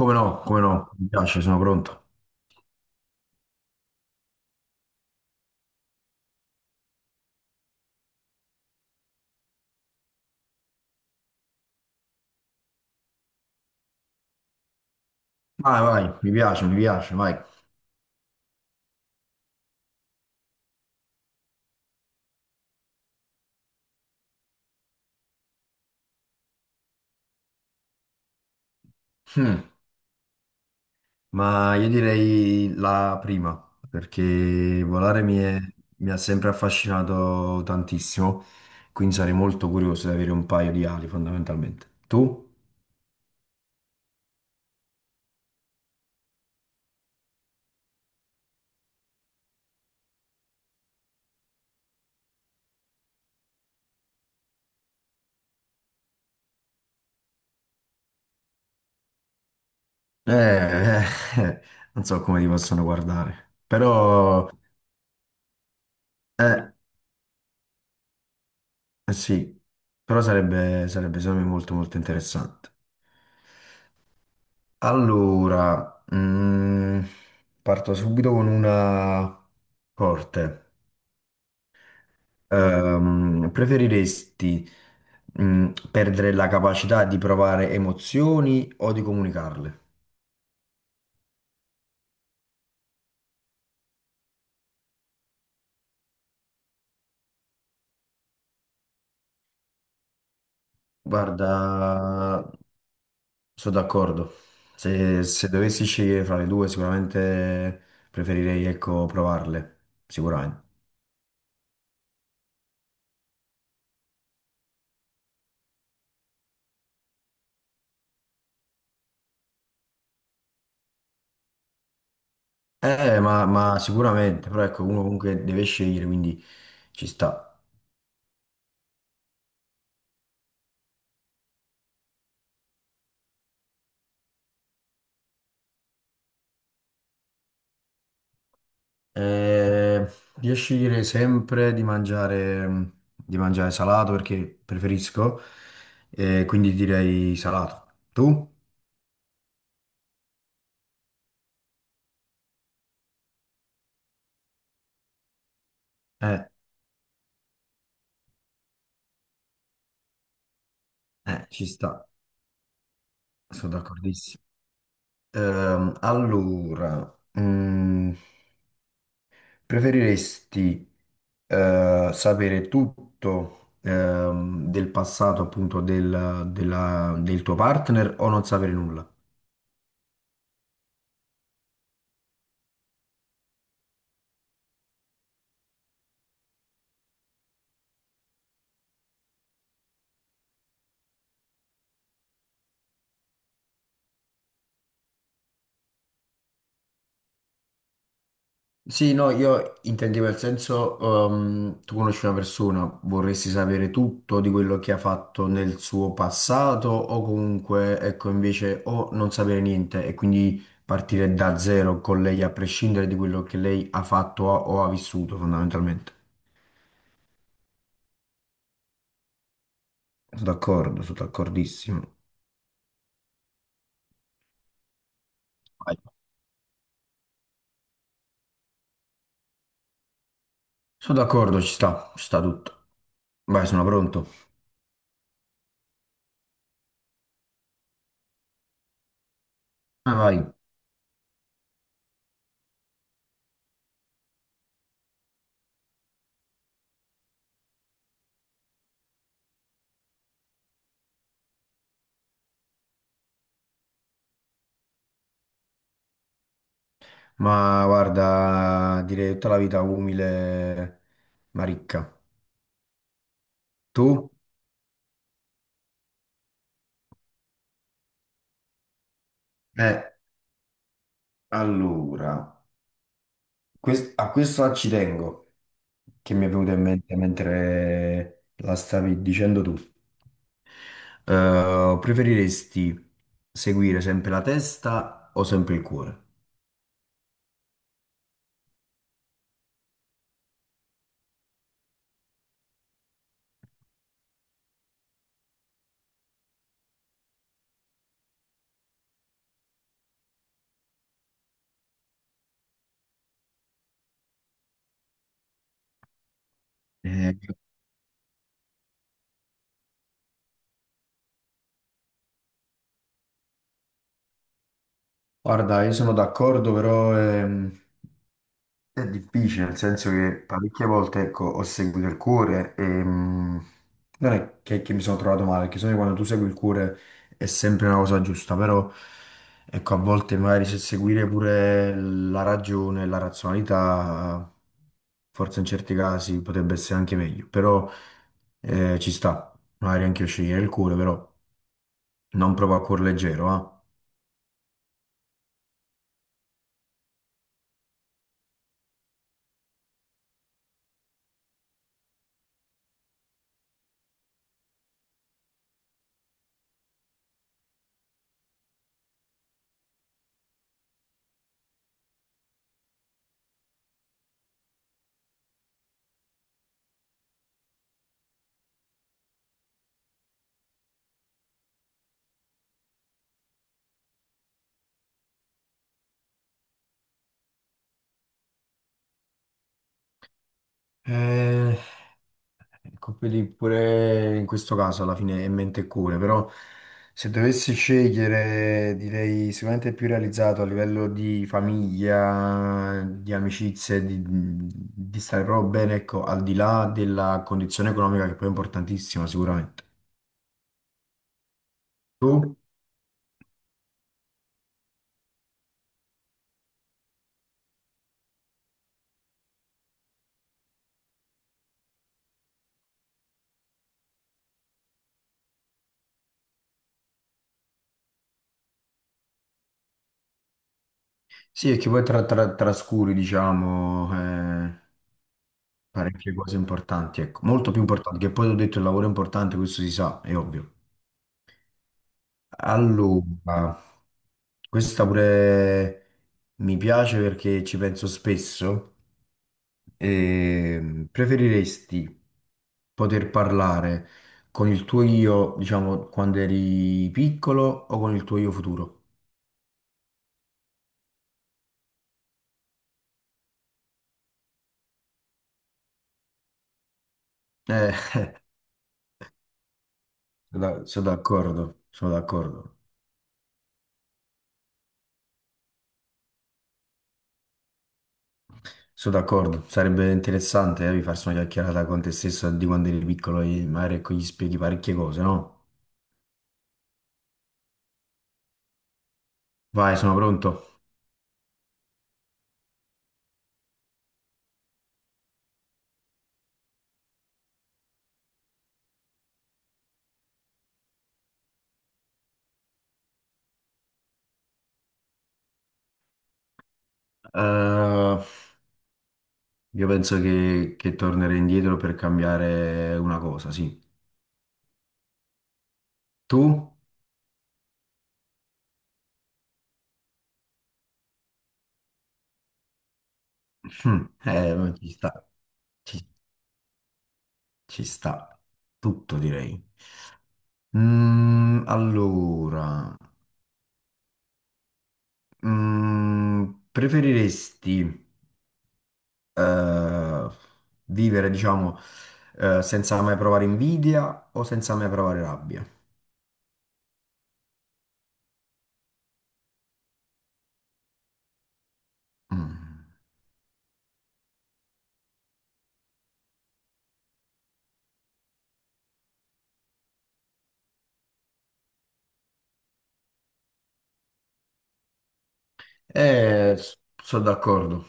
Come no, come no, mi piace, sono pronto. Vai, vai, mi piace, vai. Hmm, Ma io direi la prima, perché mi ha sempre affascinato tantissimo, quindi sarei molto curioso di avere un paio di ali, fondamentalmente. Tu? Eh, eh, eh, non so come ti possono guardare, però, eh, eh sì, però sarebbe secondo me molto, molto interessante. Allora, parto subito con una forte. Preferiresti, perdere la capacità di provare emozioni o di comunicarle? Guarda, sono d'accordo. Se dovessi scegliere fra le due, sicuramente preferirei, ecco, provarle. Sicuramente. Ma sicuramente, però ecco, uno comunque deve scegliere, quindi ci sta. Eh, riesci a dire sempre di mangiare salato perché preferisco, quindi direi salato. Tu? Eh, ci sta, sono d'accordissimo. Allora, mm, preferiresti sapere tutto del passato appunto del tuo partner o non sapere nulla? Sì, no, io intendevo il senso, tu conosci una persona, vorresti sapere tutto di quello che ha fatto nel suo passato o comunque, ecco, invece o non sapere niente e quindi partire da zero con lei a prescindere di quello che lei ha fatto o ha vissuto fondamentalmente. Sono d'accordo, sono d'accordissimo. Vai. Sono d'accordo, ci sta tutto. Vai, sono pronto. Vai, vai. Ma guarda, direi tutta la vita umile, ma ricca. Tu? Eh, allora, a questo ci tengo, che mi è venuto in mente mentre la stavi dicendo tu. Preferiresti seguire sempre la testa o sempre il cuore? Eh, Guarda, io sono d'accordo, però è difficile, nel senso che parecchie volte, ecco, ho seguito il cuore e non è che mi sono trovato male, perché sennò quando tu segui il cuore è sempre una cosa giusta, però ecco, a volte magari se seguire pure la ragione, la razionalità, forse in certi casi potrebbe essere anche meglio, però ci sta, magari anche io scegliere il cuore, però non provo a cuor leggero, ah. Ecco, quindi pure in questo caso alla fine è mente e cuore, però se dovessi scegliere direi sicuramente più realizzato a livello di famiglia, di amicizie, di stare proprio bene, ecco, al di là della condizione economica che poi è importantissima sicuramente. Tu? Sì, e che poi trascuri, diciamo, eh, parecchie cose importanti, ecco, molto più importanti, che poi ho detto il lavoro è importante, questo si sa, è ovvio. Allora, questa pure mi piace perché ci penso spesso. E preferiresti poter parlare con il tuo io, diciamo, quando eri piccolo o con il tuo io futuro? Eh, sono d'accordo, sono d'accordo. Sono d'accordo, sarebbe interessante farsi una chiacchierata con te stesso di quando eri piccolo e magari ecco, gli spieghi parecchie cose, no? Vai, sono pronto. Eh, Io penso che tornerei indietro per cambiare una cosa, sì. Tu? Hm, ma ci sta, ci, ci sta, tutto direi. Allora, preferiresti eh, vivere, diciamo, senza mai provare invidia o senza mai provare rabbia? Mm. Eh, sono d'accordo.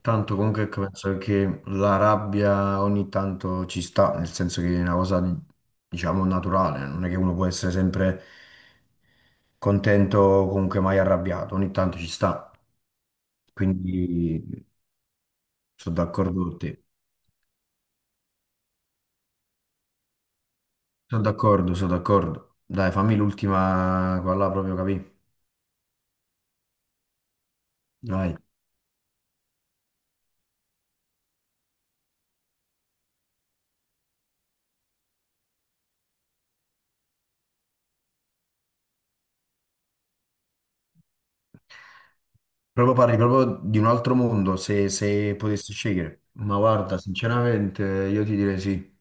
Tanto comunque ecco, penso che la rabbia ogni tanto ci sta, nel senso che è una cosa, diciamo, naturale, non è che uno può essere sempre contento o comunque mai arrabbiato, ogni tanto ci sta. Quindi sono d'accordo con te. Sono d'accordo, sono d'accordo. Dai, fammi l'ultima qua là proprio capì. Dai. Proprio parli proprio di un altro mondo, se potessi scegliere. Ma guarda, sinceramente io ti direi sì,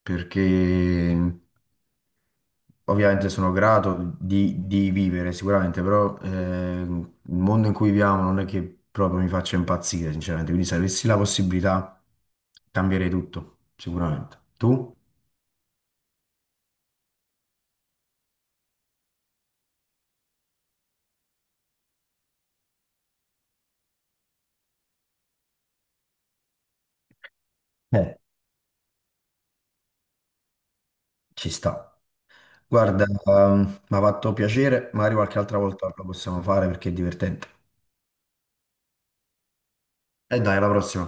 perché ovviamente sono grato di vivere sicuramente, però il mondo in cui viviamo non è che proprio mi faccia impazzire, sinceramente. Quindi se avessi la possibilità cambierei tutto, sicuramente. Tu? Eh, Ci sta. Guarda, mi ha fatto piacere, magari qualche altra volta lo possiamo fare perché è divertente. E dai, alla prossima.